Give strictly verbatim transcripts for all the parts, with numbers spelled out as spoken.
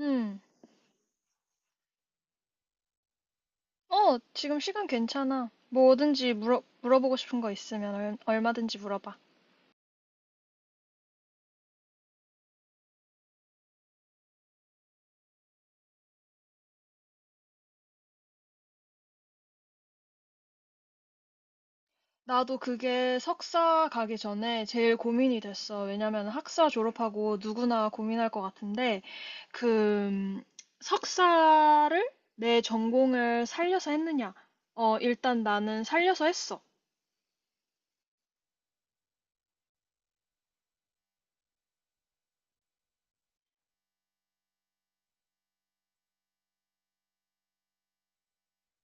응, 어, 지금 시간 괜찮아. 뭐 뭐든지 물어, 물어보고 싶은 거 있으면 얼, 얼마든지 물어봐. 나도 그게 석사 가기 전에 제일 고민이 됐어. 왜냐면 학사 졸업하고 누구나 고민할 것 같은데, 그, 음, 석사를 내 전공을 살려서 했느냐? 어, 일단 나는 살려서 했어.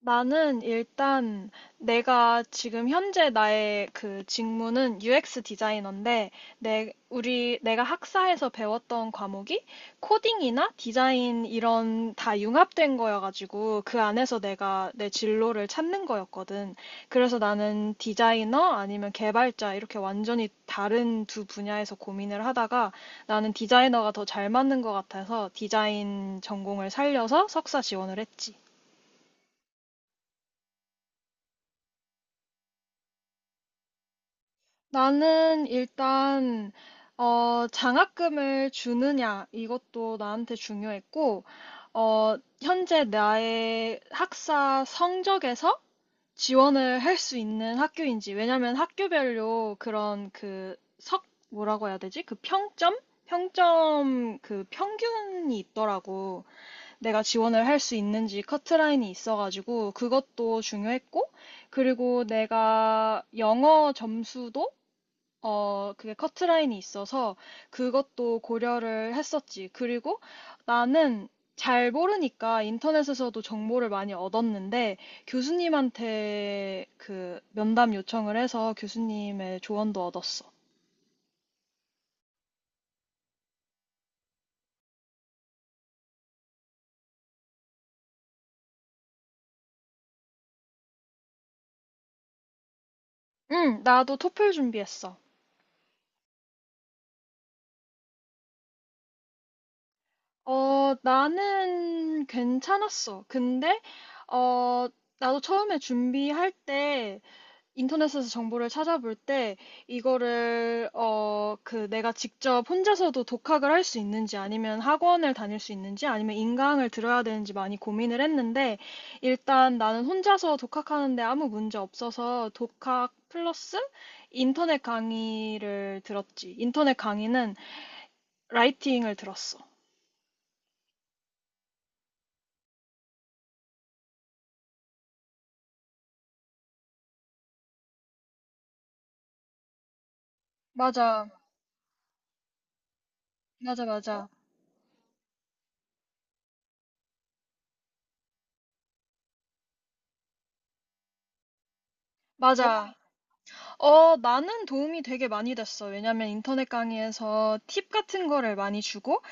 나는 일단 내가 지금 현재 나의 그 직무는 유엑스 디자이너인데 내 우리 내가 학사에서 배웠던 과목이 코딩이나 디자인 이런 다 융합된 거여가지고 그 안에서 내가 내 진로를 찾는 거였거든. 그래서 나는 디자이너 아니면 개발자 이렇게 완전히 다른 두 분야에서 고민을 하다가 나는 디자이너가 더 잘 맞는 것 같아서 디자인 전공을 살려서 석사 지원을 했지. 나는 일단 어, 장학금을 주느냐 이것도 나한테 중요했고 어, 현재 나의 학사 성적에서 지원을 할 수 있는 학교인지, 왜냐면 학교별로 그런 그 석 뭐라고 해야 되지? 그 평점? 평점 그 평균이 있더라고. 내가 지원을 할 수 있는지 커트라인이 있어가지고 그것도 중요했고, 그리고 내가 영어 점수도, 어, 그게 커트라인이 있어서 그것도 고려를 했었지. 그리고 나는 잘 모르니까 인터넷에서도 정보를 많이 얻었는데 교수님한테 그 면담 요청을 해서 교수님의 조언도 얻었어. 응, 나도 토플 준비했어. 어, 나는 괜찮았어. 근데 어, 나도 처음에 준비할 때 인터넷에서 정보를 찾아볼 때 이거를 어, 그 내가 직접 혼자서도 독학을 할 수 있는지 아니면 학원을 다닐 수 있는지 아니면 인강을 들어야 되는지 많이 고민을 했는데, 일단 나는 혼자서 독학하는데 아무 문제 없어서 독학 플러스 인터넷 강의를 들었지. 인터넷 강의는 라이팅을 들었어. 맞아. 맞아, 맞아. 맞아. 어, 나는 도움이 되게 많이 됐어. 왜냐면 인터넷 강의에서 팁 같은 거를 많이 주고,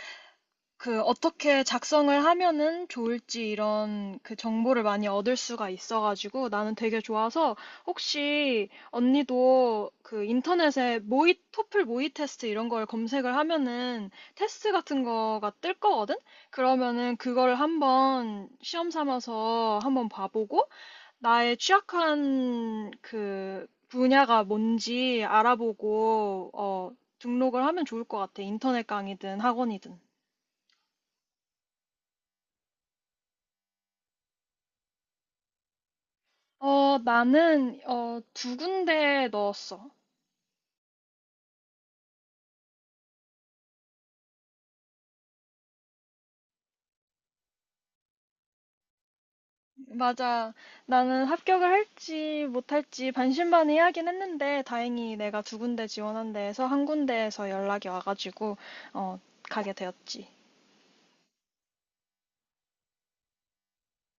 그 어떻게 작성을 하면은 좋을지 이런 그 정보를 많이 얻을 수가 있어가지고 나는 되게 좋아서. 혹시 언니도 그 인터넷에 모의, 토플 모의 테스트 이런 걸 검색을 하면은 테스트 같은 거가 뜰 거거든? 그러면은 그거를 한번 시험 삼아서 한번 봐보고 나의 취약한 그 분야가 뭔지 알아보고, 어, 등록을 하면 좋을 것 같아. 인터넷 강의든 학원이든. 어, 나는, 어, 두 군데 넣었어. 맞아. 나는 합격을 할지 못할지 반신반의하긴 했는데, 다행히 내가 두 군데 지원한 데에서 한 군데에서 연락이 와가지고, 어, 가게 되었지.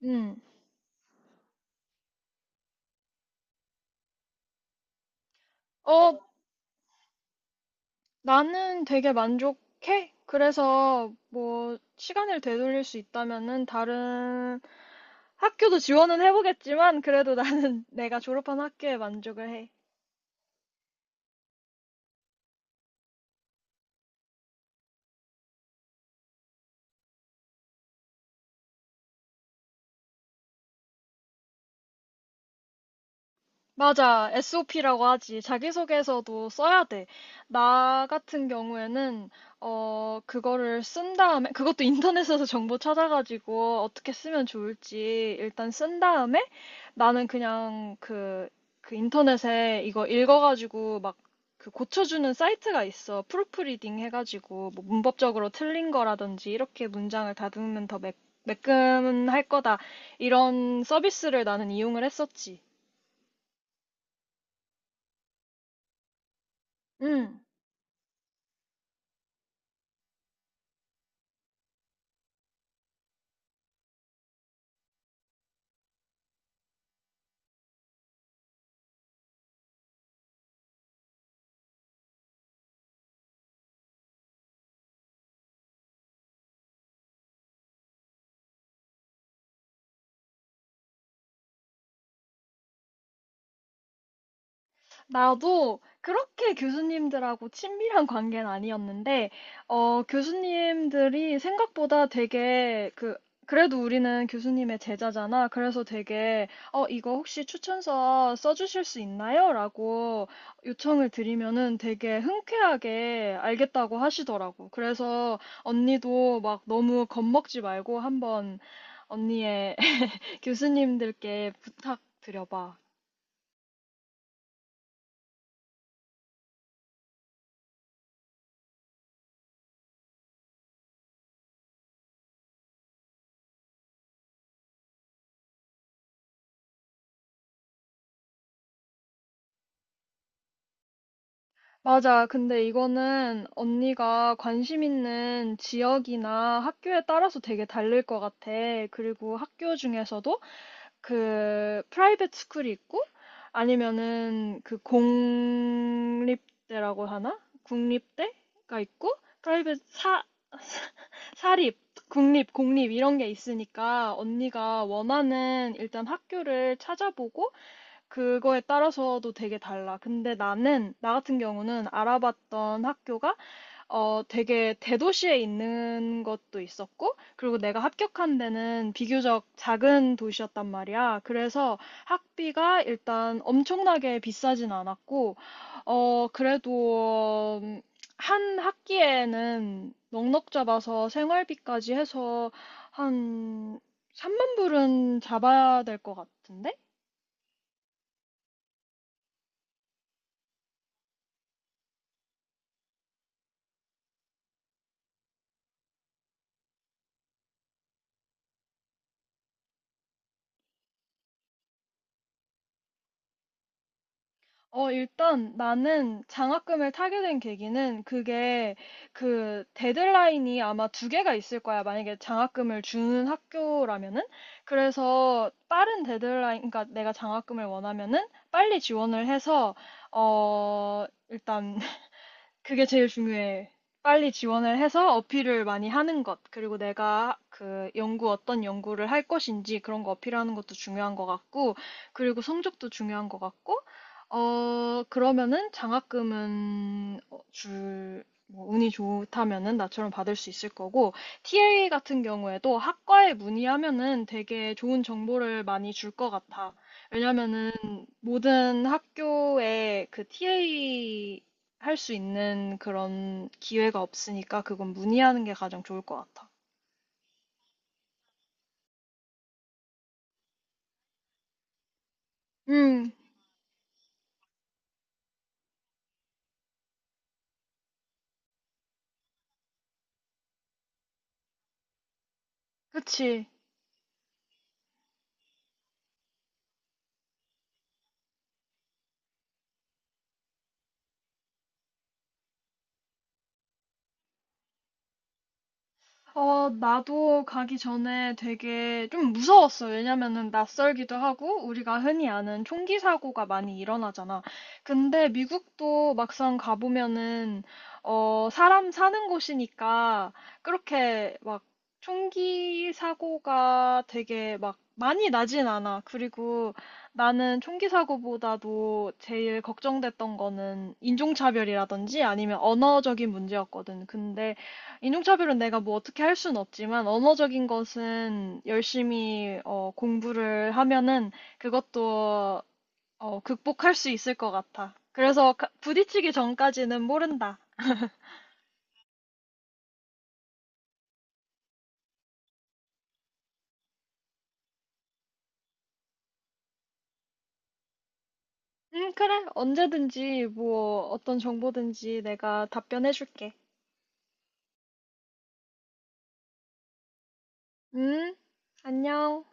음. 어, 나는 되게 만족해. 그래서 뭐 시간을 되돌릴 수 있다면은 다른 학교도 지원은 해보겠지만, 그래도 나는 내가 졸업한 학교에 만족을 해. 맞아. 에스오피라고 하지. 자기소개서도 써야 돼. 나 같은 경우에는 어, 그거를 쓴 다음에, 그것도 인터넷에서 정보 찾아가지고 어떻게 쓰면 좋을지 일단 쓴 다음에, 나는 그냥 그, 그 인터넷에 이거 읽어가지고 막 그 고쳐주는 사이트가 있어. 프루프리딩 해가지고 뭐 문법적으로 틀린 거라든지 이렇게 문장을 다듬으면 더 매끈할 거다. 이런 서비스를 나는 이용을 했었지. 음. 나도 그렇게 교수님들하고 친밀한 관계는 아니었는데, 어, 교수님들이 생각보다 되게 그, 그래도 우리는 교수님의 제자잖아. 그래서 되게, 어, 이거 혹시 추천서 써주실 수 있나요? 라고 요청을 드리면은 되게 흔쾌하게 알겠다고 하시더라고. 그래서 언니도 막 너무 겁먹지 말고 한번 언니의 교수님들께 부탁드려봐. 맞아. 근데 이거는 언니가 관심 있는 지역이나 학교에 따라서 되게 다를 것 같아. 그리고 학교 중에서도 그 프라이빗 스쿨이 있고, 아니면은 그 공립대라고 하나? 국립대가 있고, 프라이빗 사 사립, 국립, 공립 이런 게 있으니까 언니가 원하는 일단 학교를 찾아보고 그거에 따라서도 되게 달라. 근데 나는, 나 같은 경우는 알아봤던 학교가, 어, 되게 대도시에 있는 것도 있었고, 그리고 내가 합격한 데는 비교적 작은 도시였단 말이야. 그래서 학비가 일단 엄청나게 비싸진 않았고, 어, 그래도, 음, 한 학기에는 넉넉 잡아서 생활비까지 해서 한 삼만 불은 잡아야 될 것 같은데? 어, 일단 나는 장학금을 타게 된 계기는 그게 그 데드라인이 아마 두 개가 있을 거야. 만약에 장학금을 주는 학교라면은. 그래서 빠른 데드라인, 그러니까 내가 장학금을 원하면은 빨리 지원을 해서, 어, 일단 그게 제일 중요해. 빨리 지원을 해서 어필을 많이 하는 것, 그리고 내가 그 연구, 어떤 연구를 할 것인지 그런 거 어필하는 것도 중요한 것 같고, 그리고 성적도 중요한 것 같고, 어, 그러면은 장학금은, 어, 줄, 뭐 운이 좋다면은 나처럼 받을 수 있을 거고, 티에이 같은 경우에도 학과에 문의하면은 되게 좋은 정보를 많이 줄 것 같아. 왜냐면은 모든 학교에 그 티에이 할 수 있는 그런 기회가 없으니까 그건 문의하는 게 가장 좋을 것 같아. 음, 그치. 어, 나도 가기 전에 되게 좀 무서웠어. 왜냐면은 낯설기도 하고, 우리가 흔히 아는 총기 사고가 많이 일어나잖아. 근데 미국도 막상 가보면은, 어, 사람 사는 곳이니까, 그렇게 막 총기 사고가 되게 막 많이 나진 않아. 그리고 나는 총기 사고보다도 제일 걱정됐던 거는 인종차별이라든지 아니면 언어적인 문제였거든. 근데 인종차별은 내가 뭐 어떻게 할 수는 없지만 언어적인 것은 열심히, 어, 공부를 하면은 그것도, 어, 극복할 수 있을 것 같아. 그래서 가- 부딪히기 전까지는 모른다. 음, 그래. 언제든지 뭐 어떤 정보든지 내가 답변해줄게. 음, 안녕.